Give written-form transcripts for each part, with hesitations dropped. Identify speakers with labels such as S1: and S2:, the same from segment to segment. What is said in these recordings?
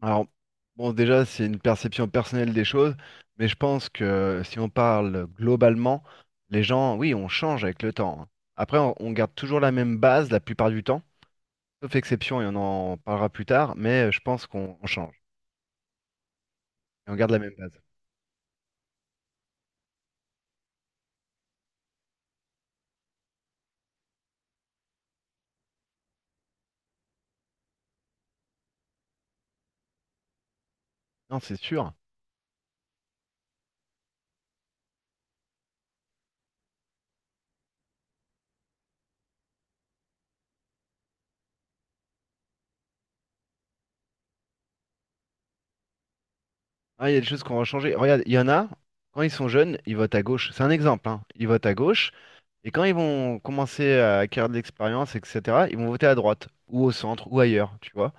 S1: Alors, bon, déjà, c'est une perception personnelle des choses, mais je pense que si on parle globalement, les gens, oui, on change avec le temps, hein. Après, on garde toujours la même base la plupart du temps, sauf exception, et on en parlera plus tard, mais je pense qu'on on change et on garde la même base. Non, c'est sûr. Ah, il y a des choses qu'on va changer. Regarde, il y en a, quand ils sont jeunes, ils votent à gauche. C'est un exemple, hein. Ils votent à gauche, et quand ils vont commencer à acquérir de l'expérience, etc., ils vont voter à droite, ou au centre, ou ailleurs, tu vois.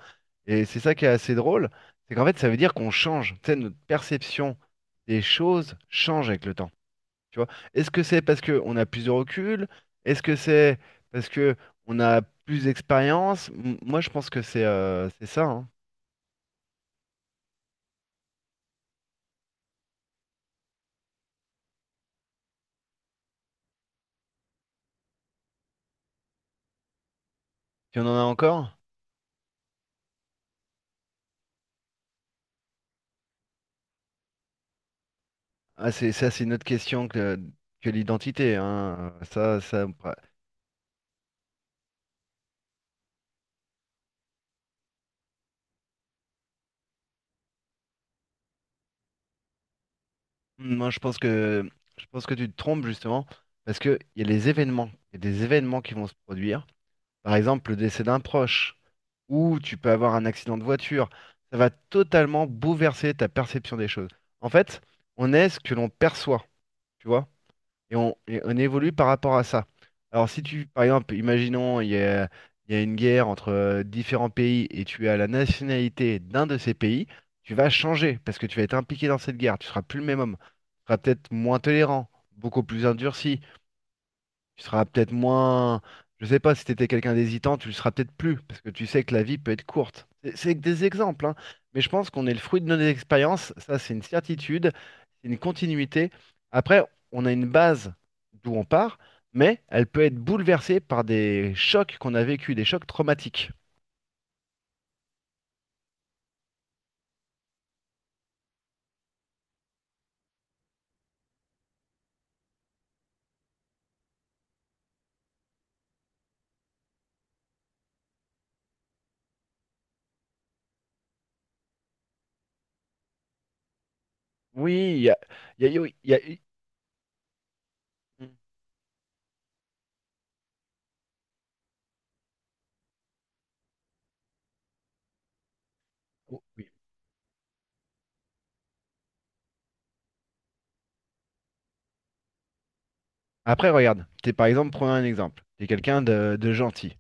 S1: Et c'est ça qui est assez drôle, c'est qu'en fait, ça veut dire qu'on change. Tu sais, notre perception des choses change avec le temps. Tu vois? Est-ce que c'est parce qu'on a plus de recul? Est-ce que c'est parce que on a plus d'expérience? Moi, je pense que c'est ça, hein. Si on en a encore? Ah, c'est ça, c'est une autre question que l'identité, hein. Ça, ça, bah, moi, je pense que tu te trompes justement parce que il y a les événements, il y a des événements qui vont se produire. Par exemple, le décès d'un proche, ou tu peux avoir un accident de voiture. Ça va totalement bouleverser ta perception des choses. En fait, on est ce que l'on perçoit, tu vois, et on évolue par rapport à ça. Alors si tu, par exemple, imaginons, il y a une guerre entre différents pays et tu as la nationalité d'un de ces pays, tu vas changer parce que tu vas être impliqué dans cette guerre, tu seras plus le même homme, tu seras peut-être moins tolérant, beaucoup plus endurci, tu seras peut-être moins. Je sais pas si tu étais quelqu'un d'hésitant, tu le seras peut-être plus, parce que tu sais que la vie peut être courte. C'est que des exemples, hein. Mais je pense qu'on est le fruit de nos expériences, ça c'est une certitude, c'est une continuité. Après, on a une base d'où on part, mais elle peut être bouleversée par des chocs qu'on a vécu, des chocs traumatiques. Oui, il y a, il y a- il y a- il y a- Oh, oui. Après, regarde, t'es par exemple, prenons un exemple, t'es quelqu'un de gentil,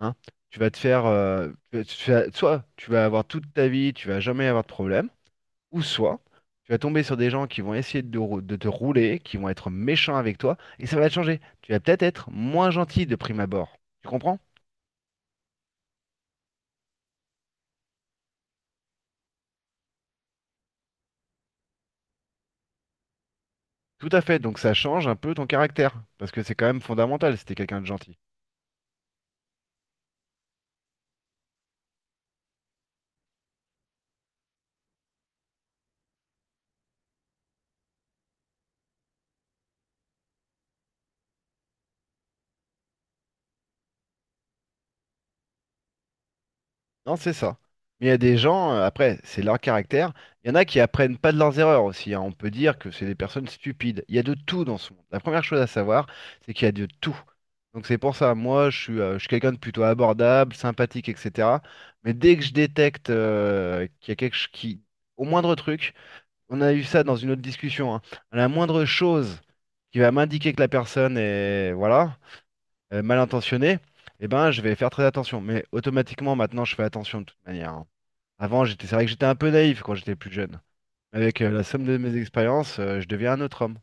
S1: hein. Tu vas te faire, soit tu vas avoir toute ta vie, tu vas jamais avoir de problème, ou soit tu vas tomber sur des gens qui vont essayer de te rouler, qui vont être méchants avec toi, et ça va te changer. Tu vas peut-être être moins gentil de prime abord. Tu comprends? Tout à fait. Donc ça change un peu ton caractère, parce que c'est quand même fondamental si t'es quelqu'un de gentil. Non, c'est ça. Mais il y a des gens, après, c'est leur caractère. Il y en a qui apprennent pas de leurs erreurs aussi, hein. On peut dire que c'est des personnes stupides. Il y a de tout dans ce monde. La première chose à savoir, c'est qu'il y a de tout. Donc c'est pour ça, moi, je suis quelqu'un de plutôt abordable, sympathique, etc. Mais dès que je détecte qu'il y a quelque chose qui, au moindre truc, on a eu ça dans une autre discussion, hein, à la moindre chose qui va m'indiquer que la personne est, voilà, mal intentionné, eh ben, je vais faire très attention. Mais automatiquement, maintenant, je fais attention de toute manière, hein. Avant, j'étais, c'est vrai que j'étais un peu naïf quand j'étais plus jeune. Avec la somme de mes expériences, je deviens un autre homme.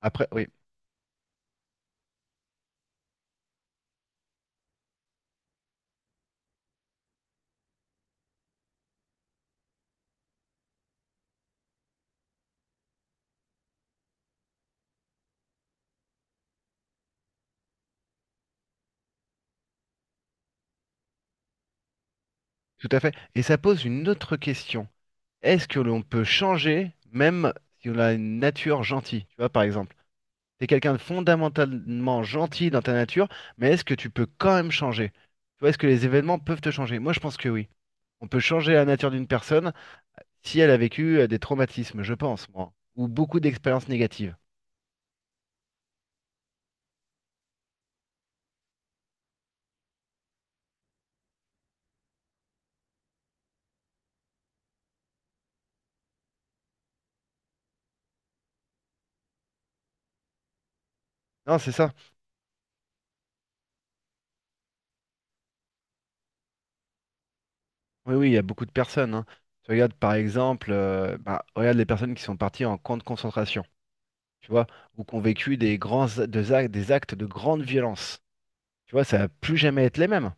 S1: Après, oui, tout à fait. Et ça pose une autre question. Est-ce que l'on peut changer même si on a une nature gentille? Tu vois, par exemple, tu es quelqu'un de fondamentalement gentil dans ta nature, mais est-ce que tu peux quand même changer? Tu vois, est-ce que les événements peuvent te changer? Moi, je pense que oui. On peut changer la nature d'une personne si elle a vécu des traumatismes, je pense, moi, ou beaucoup d'expériences négatives. Non, c'est ça. Oui, oui, il y a beaucoup de personnes, hein. Tu regardes par exemple, regarde les personnes qui sont parties en camp de concentration, tu vois, ou qui ont vécu des actes de grande violence. Tu vois, ça va plus jamais être les mêmes.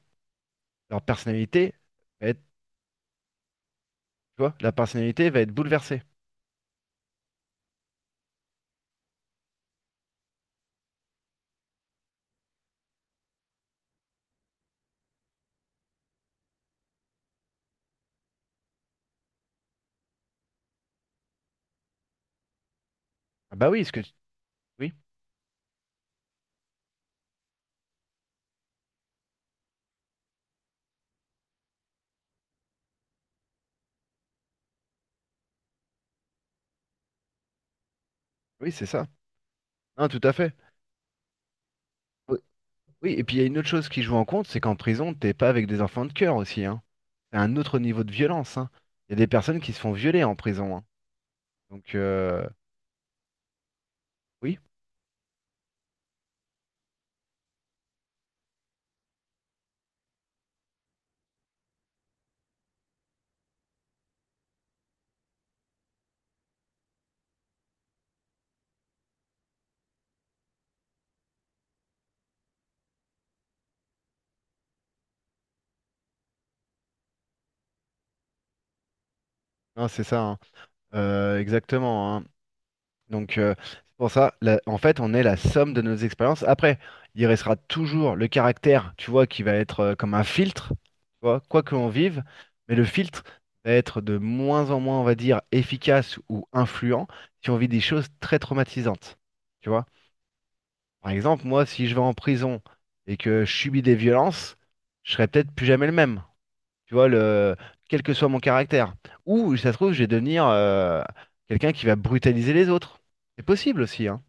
S1: Leur personnalité va être, tu vois, la personnalité va être bouleversée. Ah bah oui, ce que, tu- oui, oui, c'est ça. Non, tout à fait. Oui, oui, et puis il y a une autre chose qui joue en compte, c'est qu'en prison, t'es pas avec des enfants de cœur aussi, hein. C'est un autre niveau de violence, hein. Il y a des personnes qui se font violer en prison, hein. Donc, oui, non, c'est ça, hein. Exactement, hein. Donc, c'est pour ça, en fait, on est la somme de nos expériences. Après, il restera toujours le caractère, tu vois, qui va être comme un filtre, tu vois, quoi que l'on vive, mais le filtre va être de moins en moins, on va dire, efficace ou influent si on vit des choses très traumatisantes. Tu vois. Par exemple, moi, si je vais en prison et que je subis des violences, je serai peut-être plus jamais le même. Tu vois, le… quel que soit mon caractère. Ou, ça se trouve, je vais devenir quelqu'un qui va brutaliser les autres. C'est possible aussi, hein.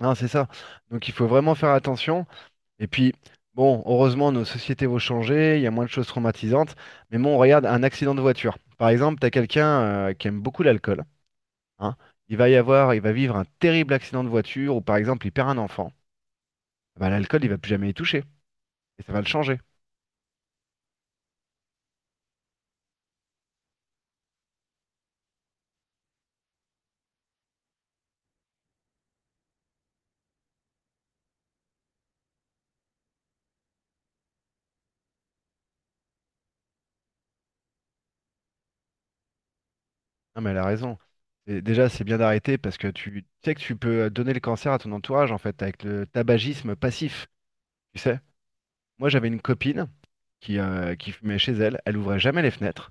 S1: Hein, c'est ça. Donc, il faut vraiment faire attention. Et puis, bon, heureusement, nos sociétés vont changer, il y a moins de choses traumatisantes. Mais bon, regarde, un accident de voiture. Par exemple, tu as quelqu'un qui aime beaucoup l'alcool, hein. Il va vivre un terrible accident de voiture, ou par exemple, il perd un enfant. Bah, l'alcool, il va plus jamais y toucher. Et ça va le changer. Non, mais elle a raison. Et déjà, c'est bien d'arrêter parce que tu sais que tu peux donner le cancer à ton entourage, en fait, avec le tabagisme passif, tu sais. Moi, j'avais une copine qui fumait chez elle, elle ouvrait jamais les fenêtres,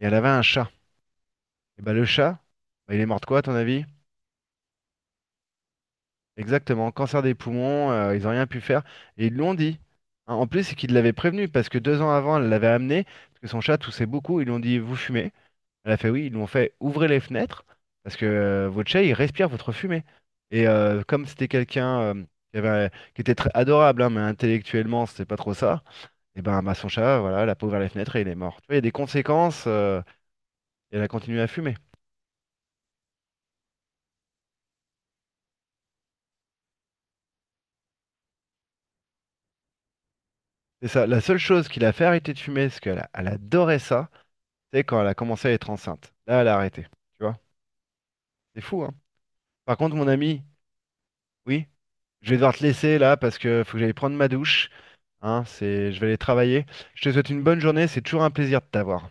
S1: et elle avait un chat. Et bah, le chat, bah, il est mort de quoi, à ton avis? Exactement, cancer des poumons, ils n'ont rien pu faire. Et ils l'ont dit. Hein, en plus, c'est qu'ils l'avaient prévenu parce que deux ans avant, elle l'avait amené, parce que son chat toussait beaucoup, ils lui ont dit, vous fumez. Elle a fait oui, ils nous ont fait ouvrez les fenêtres parce que votre chat il respire votre fumée. Et comme c'était quelqu'un qui était très adorable, hein, mais intellectuellement c'était pas trop ça, et son chat, voilà, elle a pas ouvert les fenêtres et il est mort. Tu vois, il y a des conséquences et elle a continué à fumer. C'est ça. La seule chose qui l'a fait arrêter de fumer, parce qu'elle adorait ça, c'est quand elle a commencé à être enceinte. Là, elle a arrêté. Tu vois, c'est fou, hein. Par contre, mon ami, oui, je vais devoir te laisser là parce que faut que j'aille prendre ma douche. Hein, c'est… Je vais aller travailler. Je te souhaite une bonne journée, c'est toujours un plaisir de t'avoir.